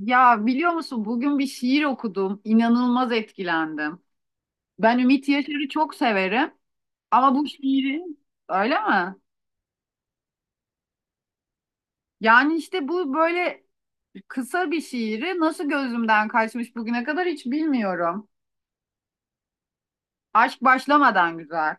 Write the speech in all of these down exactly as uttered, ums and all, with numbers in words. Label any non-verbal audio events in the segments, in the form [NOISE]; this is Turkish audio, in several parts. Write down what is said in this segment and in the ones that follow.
Ya biliyor musun bugün bir şiir okudum. İnanılmaz etkilendim. Ben Ümit Yaşar'ı çok severim ama bu şiiri öyle mi? Yani işte bu böyle kısa bir şiiri nasıl gözümden kaçmış bugüne kadar hiç bilmiyorum. Aşk başlamadan güzel.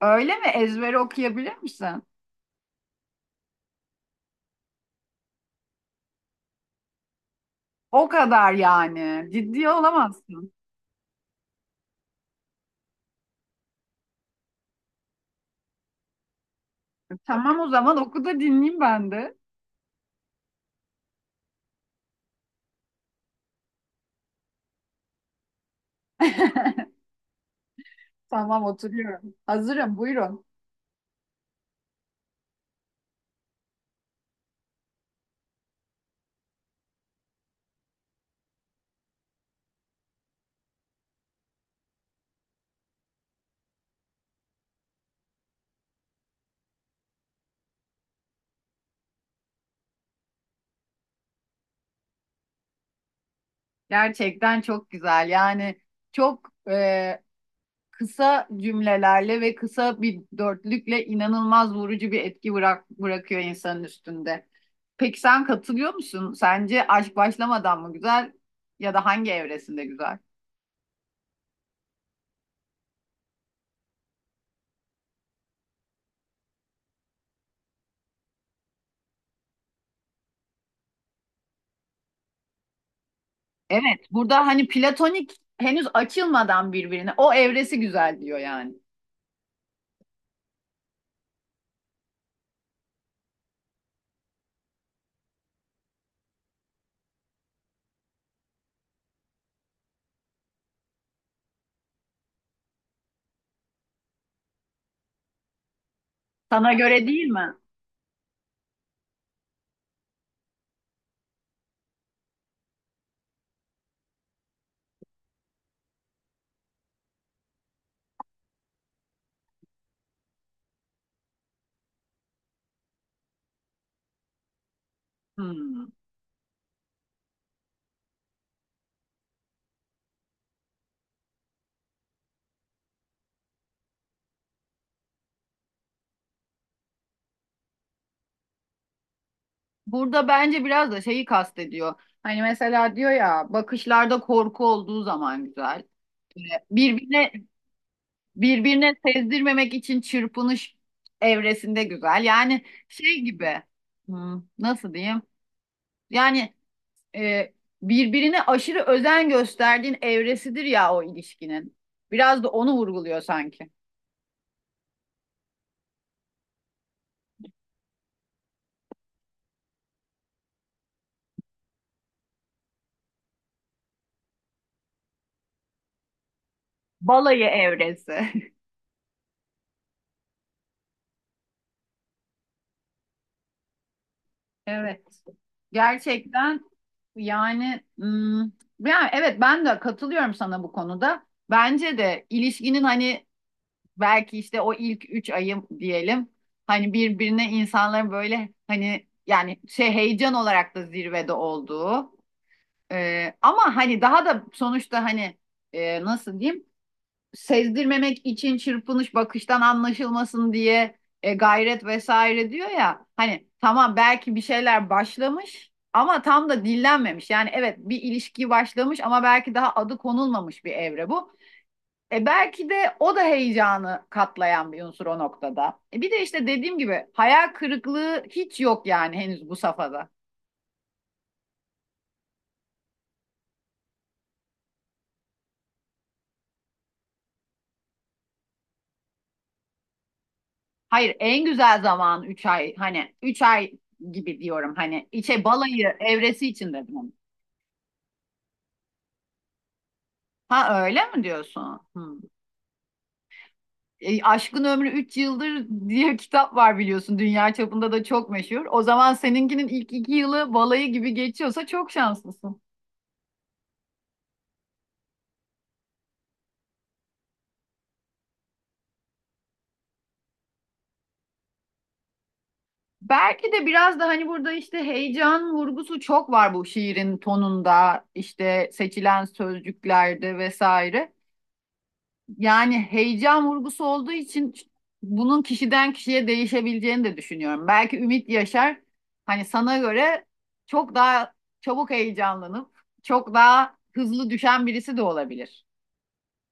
Öyle mi? Ezbere okuyabilir misin? O kadar yani. Ciddi olamazsın. Tamam o zaman oku da dinleyeyim ben de. [LAUGHS] Tamam oturuyorum. Hazırım buyurun. Gerçekten çok güzel. Yani çok e, kısa cümlelerle ve kısa bir dörtlükle inanılmaz vurucu bir etki bırak, bırakıyor insanın üstünde. Peki sen katılıyor musun? Sence aşk başlamadan mı güzel ya da hangi evresinde güzel? Evet, burada hani platonik henüz açılmadan birbirine o evresi güzel diyor yani. Sana göre değil mi? Hmm. Burada bence biraz da şeyi kastediyor. Hani mesela diyor ya bakışlarda korku olduğu zaman güzel. Ee, Birbirine birbirine sezdirmemek için çırpınış evresinde güzel. Yani şey gibi hmm, nasıl diyeyim? Yani e, birbirine aşırı özen gösterdiğin evresidir ya o ilişkinin. Biraz da onu vurguluyor sanki. Balayı evresi. [LAUGHS] Evet. Gerçekten yani hmm, yani evet ben de katılıyorum sana bu konuda. Bence de ilişkinin hani belki işte o ilk üç ayım diyelim hani birbirine insanların böyle hani yani şey heyecan olarak da zirvede olduğu. Ee, ama hani daha da sonuçta hani e, nasıl diyeyim sezdirmemek için çırpınış bakıştan anlaşılmasın diye e, gayret vesaire diyor ya hani tamam belki bir şeyler başlamış ama tam da dillenmemiş yani evet bir ilişki başlamış ama belki daha adı konulmamış bir evre bu. E belki de o da heyecanı katlayan bir unsur o noktada. E bir de işte dediğim gibi hayal kırıklığı hiç yok yani henüz bu safhada. Hayır en güzel zaman üç ay, hani üç ay gibi diyorum, hani içe balayı evresi için dedim onu. Ha öyle mi diyorsun? Hmm. E, Aşkın Ömrü üç Yıldır diye bir kitap var biliyorsun, dünya çapında da çok meşhur. O zaman seninkinin ilk iki yılı balayı gibi geçiyorsa çok şanslısın. Belki de biraz da hani burada işte heyecan vurgusu çok var bu şiirin tonunda, işte seçilen sözcüklerde vesaire. Yani heyecan vurgusu olduğu için bunun kişiden kişiye değişebileceğini de düşünüyorum. Belki Ümit Yaşar hani sana göre çok daha çabuk heyecanlanıp çok daha hızlı düşen birisi de olabilir.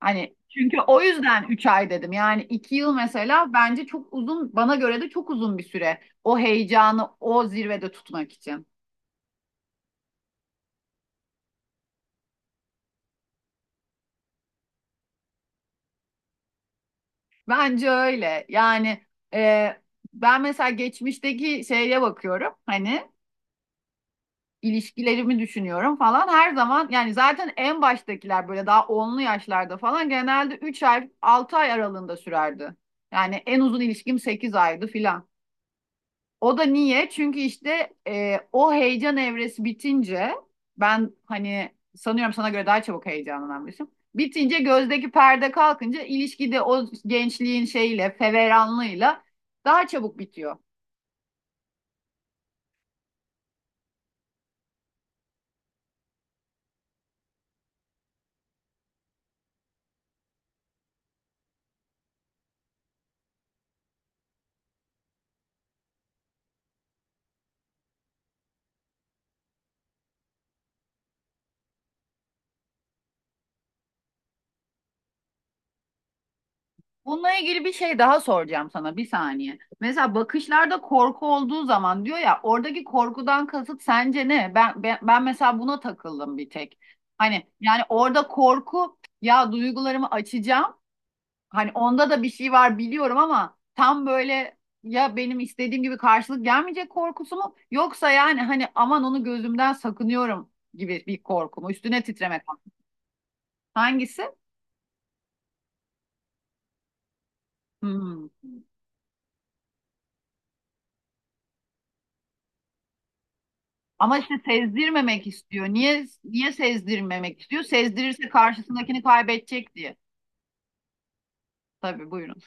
Hani çünkü o yüzden üç ay dedim. Yani iki yıl mesela bence çok uzun, bana göre de çok uzun bir süre. O heyecanı o zirvede tutmak için. Bence öyle. Yani e, ben mesela geçmişteki şeye bakıyorum. Hani ilişkilerimi düşünüyorum falan. Her zaman yani zaten en baştakiler böyle daha onlu yaşlarda falan genelde üç ay altı ay aralığında sürerdi. Yani en uzun ilişkim sekiz aydı filan. O da niye? Çünkü işte e, o heyecan evresi bitince ben hani sanıyorum sana göre daha çabuk heyecanlanan birisiyim. Bitince gözdeki perde kalkınca ilişkide o gençliğin şeyle, feveranlığıyla daha çabuk bitiyor. Bununla ilgili bir şey daha soracağım sana bir saniye. Mesela bakışlarda korku olduğu zaman diyor ya, oradaki korkudan kasıt sence ne? Ben, ben, ben mesela buna takıldım bir tek. Hani yani orada korku, ya duygularımı açacağım. Hani onda da bir şey var biliyorum ama tam böyle ya benim istediğim gibi karşılık gelmeyecek korkusu mu yoksa yani hani aman onu gözümden sakınıyorum gibi bir korku mu? Üstüne titremek mi? Hangisi? Hmm. Ama işte sezdirmemek istiyor. Niye niye sezdirmemek istiyor? Sezdirirse karşısındakini kaybedecek diye. Tabii buyurun.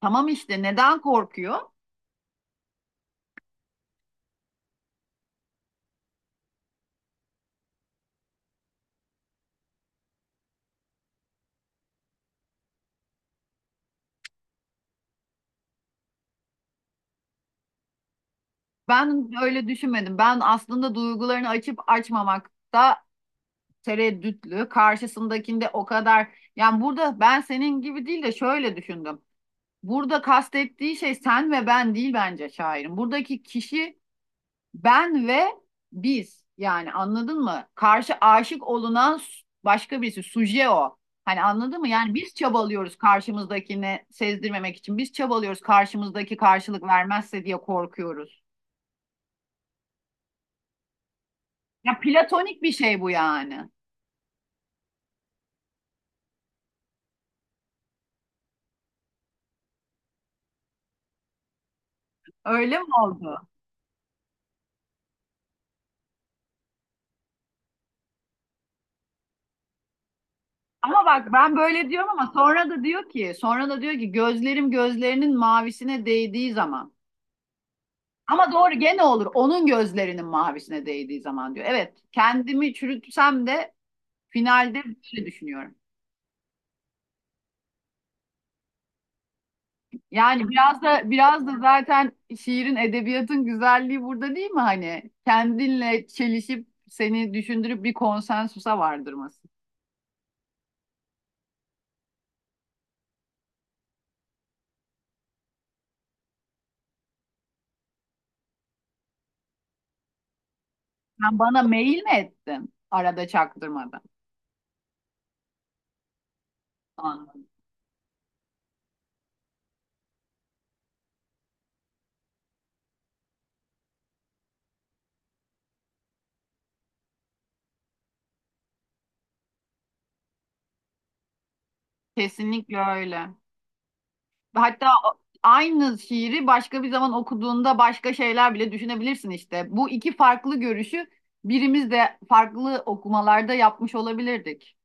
Tamam işte neden korkuyor? Ben öyle düşünmedim. Ben aslında duygularını açıp açmamakta tereddütlü. Karşısındakinde o kadar, yani burada ben senin gibi değil de şöyle düşündüm. Burada kastettiği şey sen ve ben değil bence şairin. Buradaki kişi ben ve biz. Yani anladın mı? Karşı aşık olunan başka birisi, suje o. Hani anladın mı? Yani biz çabalıyoruz karşımızdakini sezdirmemek için. Biz çabalıyoruz, karşımızdaki karşılık vermezse diye korkuyoruz. Ya platonik bir şey bu yani. Öyle mi oldu? Ama bak ben böyle diyorum ama sonra da diyor ki sonra da diyor ki gözlerim gözlerinin mavisine değdiği zaman. Ama doğru gene olur, onun gözlerinin mavisine değdiği zaman diyor. Evet kendimi çürütsem de finalde böyle düşünüyorum. Yani biraz da biraz da zaten şiirin, edebiyatın güzelliği burada değil mi hani? Kendinle çelişip seni düşündürüp bir konsensusa vardırması. Sen bana mail mi ettin arada çaktırmadan? Anladım. Kesinlikle öyle. Hatta aynı şiiri başka bir zaman okuduğunda başka şeyler bile düşünebilirsin işte. Bu iki farklı görüşü birimiz de farklı okumalarda yapmış olabilirdik.